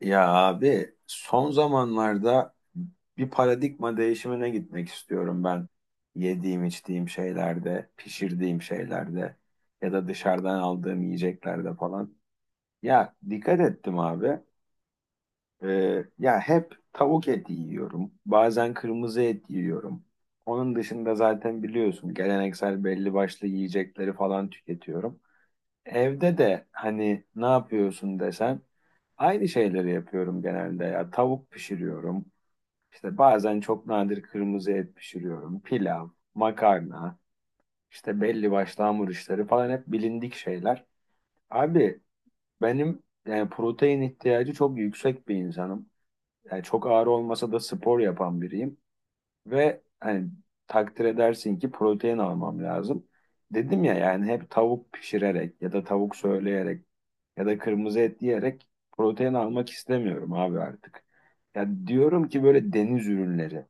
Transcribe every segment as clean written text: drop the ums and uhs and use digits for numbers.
Ya abi, son zamanlarda bir paradigma değişimine gitmek istiyorum ben. Yediğim, içtiğim şeylerde, pişirdiğim şeylerde ya da dışarıdan aldığım yiyeceklerde falan. Ya dikkat ettim abi. Ya hep tavuk eti yiyorum. Bazen kırmızı et yiyorum. Onun dışında zaten biliyorsun geleneksel belli başlı yiyecekleri falan tüketiyorum. Evde de hani ne yapıyorsun desen, aynı şeyleri yapıyorum genelde ya. Tavuk pişiriyorum. İşte bazen çok nadir kırmızı et pişiriyorum. Pilav, makarna, işte belli başlı hamur işleri falan, hep bilindik şeyler. Abi, benim yani protein ihtiyacı çok yüksek bir insanım. Yani çok ağır olmasa da spor yapan biriyim. Ve hani, takdir edersin ki protein almam lazım. Dedim ya, yani hep tavuk pişirerek ya da tavuk söyleyerek ya da kırmızı et diyerek protein almak istemiyorum abi artık. Ya diyorum ki, böyle deniz ürünleri.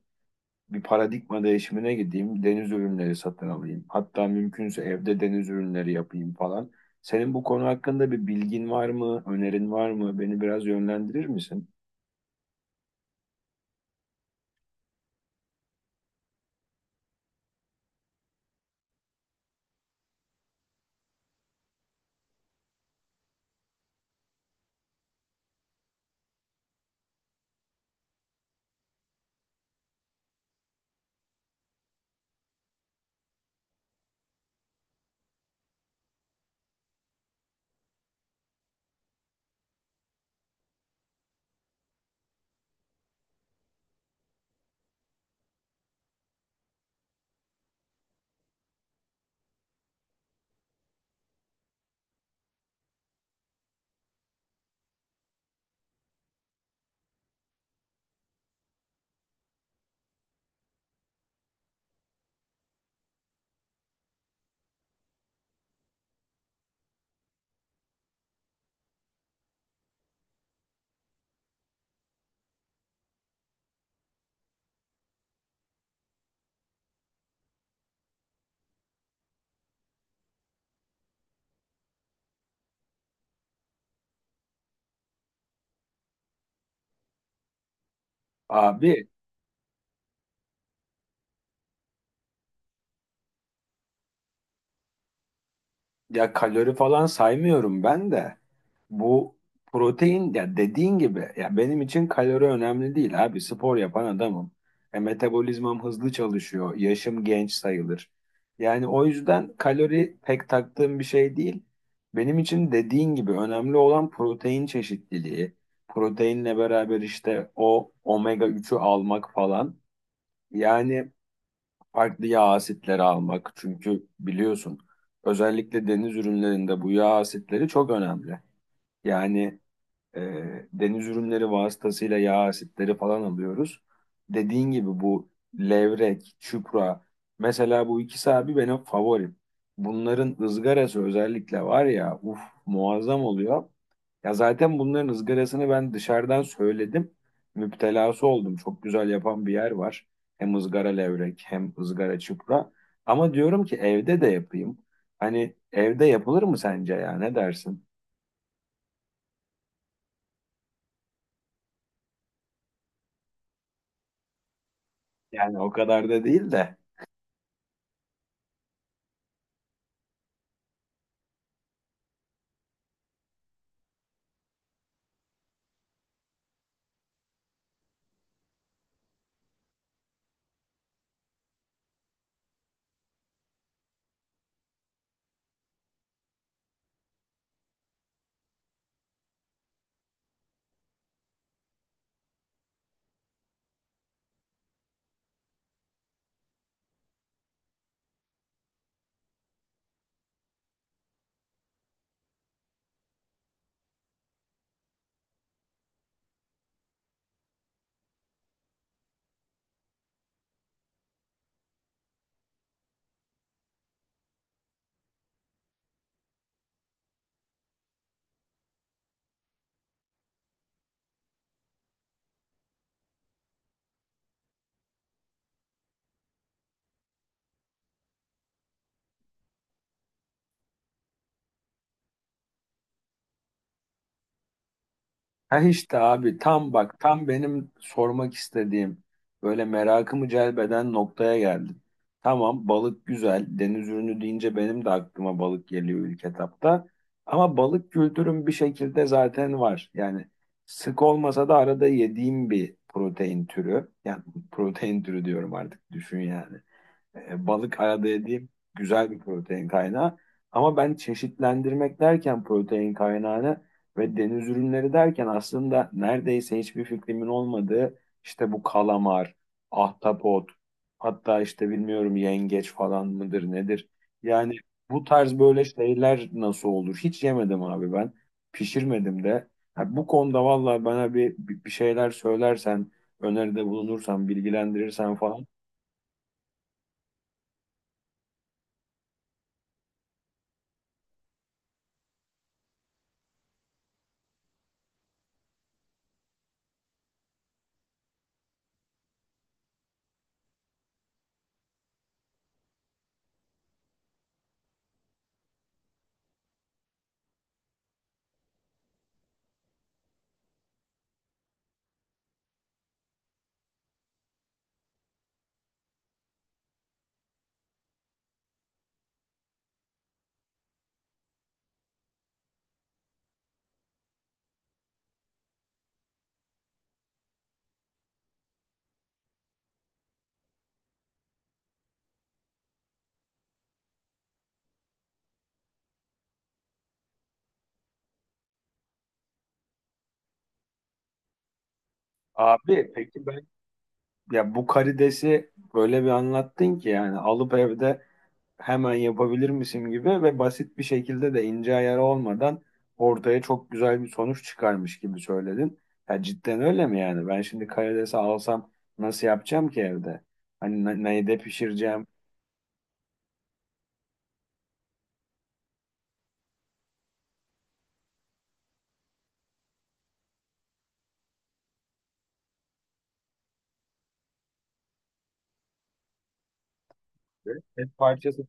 Bir paradigma değişimine gideyim, deniz ürünleri satın alayım. Hatta mümkünse evde deniz ürünleri yapayım falan. Senin bu konu hakkında bir bilgin var mı, önerin var mı? Beni biraz yönlendirir misin? Abi, ya kalori falan saymıyorum ben de. Bu protein, ya dediğin gibi, ya benim için kalori önemli değil abi. Spor yapan adamım. Metabolizmam hızlı çalışıyor. Yaşım genç sayılır. Yani o yüzden kalori pek taktığım bir şey değil. Benim için dediğin gibi önemli olan protein çeşitliliği. Proteinle beraber işte o omega üçü almak falan. Yani farklı yağ asitleri almak. Çünkü biliyorsun, özellikle deniz ürünlerinde bu yağ asitleri çok önemli. Yani deniz ürünleri vasıtasıyla yağ asitleri falan alıyoruz. Dediğin gibi bu levrek, çupra, mesela bu ikisi abi benim favorim. Bunların ızgarası özellikle, var ya, uf, muazzam oluyor. Ya zaten bunların ızgarasını ben dışarıdan söyledim. Müptelası oldum. Çok güzel yapan bir yer var. Hem ızgara levrek hem ızgara çupra. Ama diyorum ki evde de yapayım. Hani evde yapılır mı sence, ya ne dersin? Yani o kadar da değil de. Ha işte abi, tam bak, tam benim sormak istediğim, böyle merakımı celbeden noktaya geldim. Tamam, balık güzel, deniz ürünü deyince benim de aklıma balık geliyor ilk etapta. Ama balık kültürüm bir şekilde zaten var. Yani sık olmasa da arada yediğim bir protein türü. Yani protein türü diyorum artık, düşün yani. Balık arada yediğim güzel bir protein kaynağı. Ama ben çeşitlendirmek derken protein kaynağını ve deniz ürünleri derken, aslında neredeyse hiçbir fikrimin olmadığı işte bu kalamar, ahtapot, hatta işte bilmiyorum yengeç falan mıdır nedir? Yani bu tarz böyle şeyler nasıl olur? Hiç yemedim abi ben. Pişirmedim de. Ha, bu konuda vallahi bana bir şeyler söylersen, öneride bulunursan, bilgilendirirsen falan. Abi peki ben, ya bu karidesi böyle bir anlattın ki, yani alıp evde hemen yapabilir misin gibi ve basit bir şekilde de, ince ayarı olmadan ortaya çok güzel bir sonuç çıkarmış gibi söyledin. Ya cidden öyle mi yani? Ben şimdi karidesi alsam nasıl yapacağım ki evde? Hani neyde pişireceğim? Et parçası.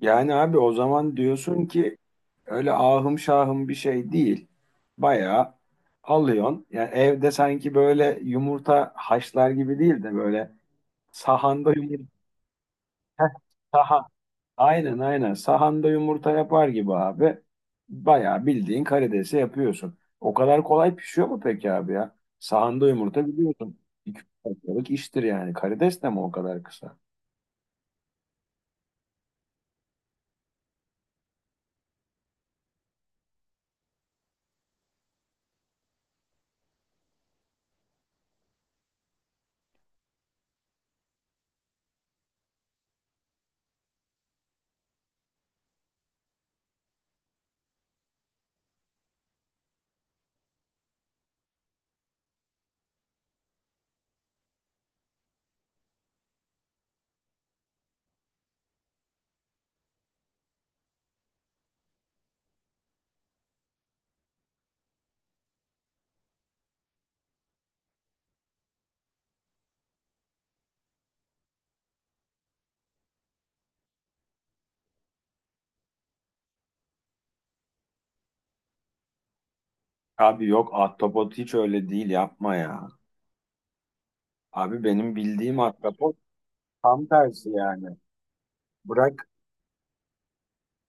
Yani abi o zaman diyorsun ki öyle ahım şahım bir şey değil. Bayağı alıyorsun. Yani evde sanki böyle yumurta haşlar gibi değil de böyle sahanda yumurta. Heh, saha. Aynen, aynen. Sahanda yumurta yapar gibi abi. Bayağı bildiğin karidesi yapıyorsun. O kadar kolay pişiyor mu peki abi ya? Sahanda yumurta biliyorsun. İki dakikalık iştir yani. Karides de mi o kadar kısa? Abi yok, ahtapot hiç öyle değil, yapma ya. Abi benim bildiğim ahtapot tam tersi yani. Bırak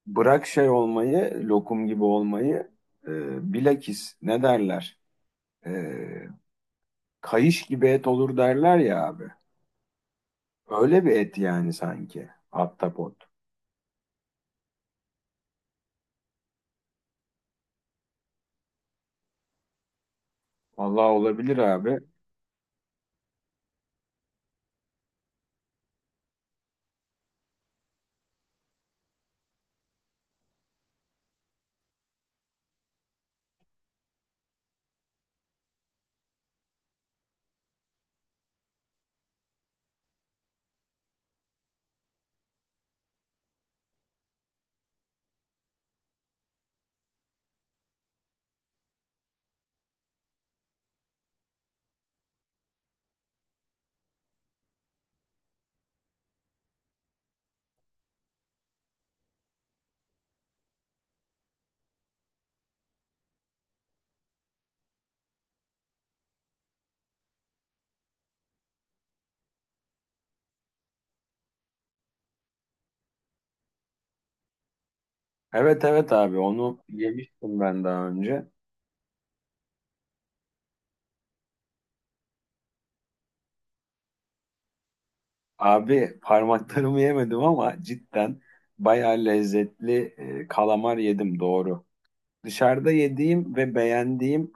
bırak şey olmayı, lokum gibi olmayı, bilakis ne derler? E, kayış gibi et olur derler ya abi. Öyle bir et yani sanki. Ahtapot. Vallahi olabilir abi. Evet, evet abi, onu yemiştim ben daha önce. Abi parmaklarımı yemedim ama cidden bayağı lezzetli kalamar yedim, doğru. Dışarıda yediğim ve beğendiğim,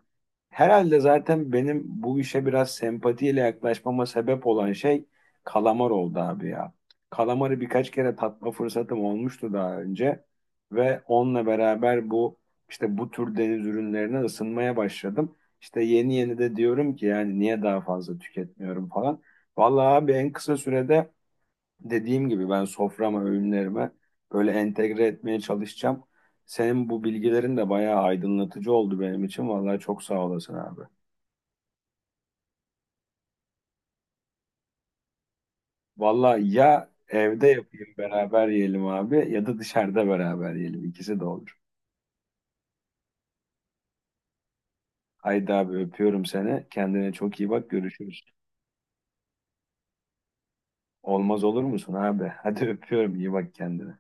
herhalde zaten benim bu işe biraz sempatiyle yaklaşmama sebep olan şey kalamar oldu abi ya. Kalamarı birkaç kere tatma fırsatım olmuştu daha önce ve onunla beraber bu, işte bu tür deniz ürünlerine ısınmaya başladım. İşte yeni yeni de diyorum ki yani niye daha fazla tüketmiyorum falan. Vallahi abi en kısa sürede, dediğim gibi, ben soframa, öğünlerime böyle entegre etmeye çalışacağım. Senin bu bilgilerin de bayağı aydınlatıcı oldu benim için. Vallahi çok sağ olasın abi. Valla ya, evde yapayım beraber yiyelim abi, ya da dışarıda beraber yiyelim. İkisi de olur. Haydi abi, öpüyorum seni. Kendine çok iyi bak, görüşürüz. Olmaz olur musun abi? Hadi öpüyorum, iyi bak kendine.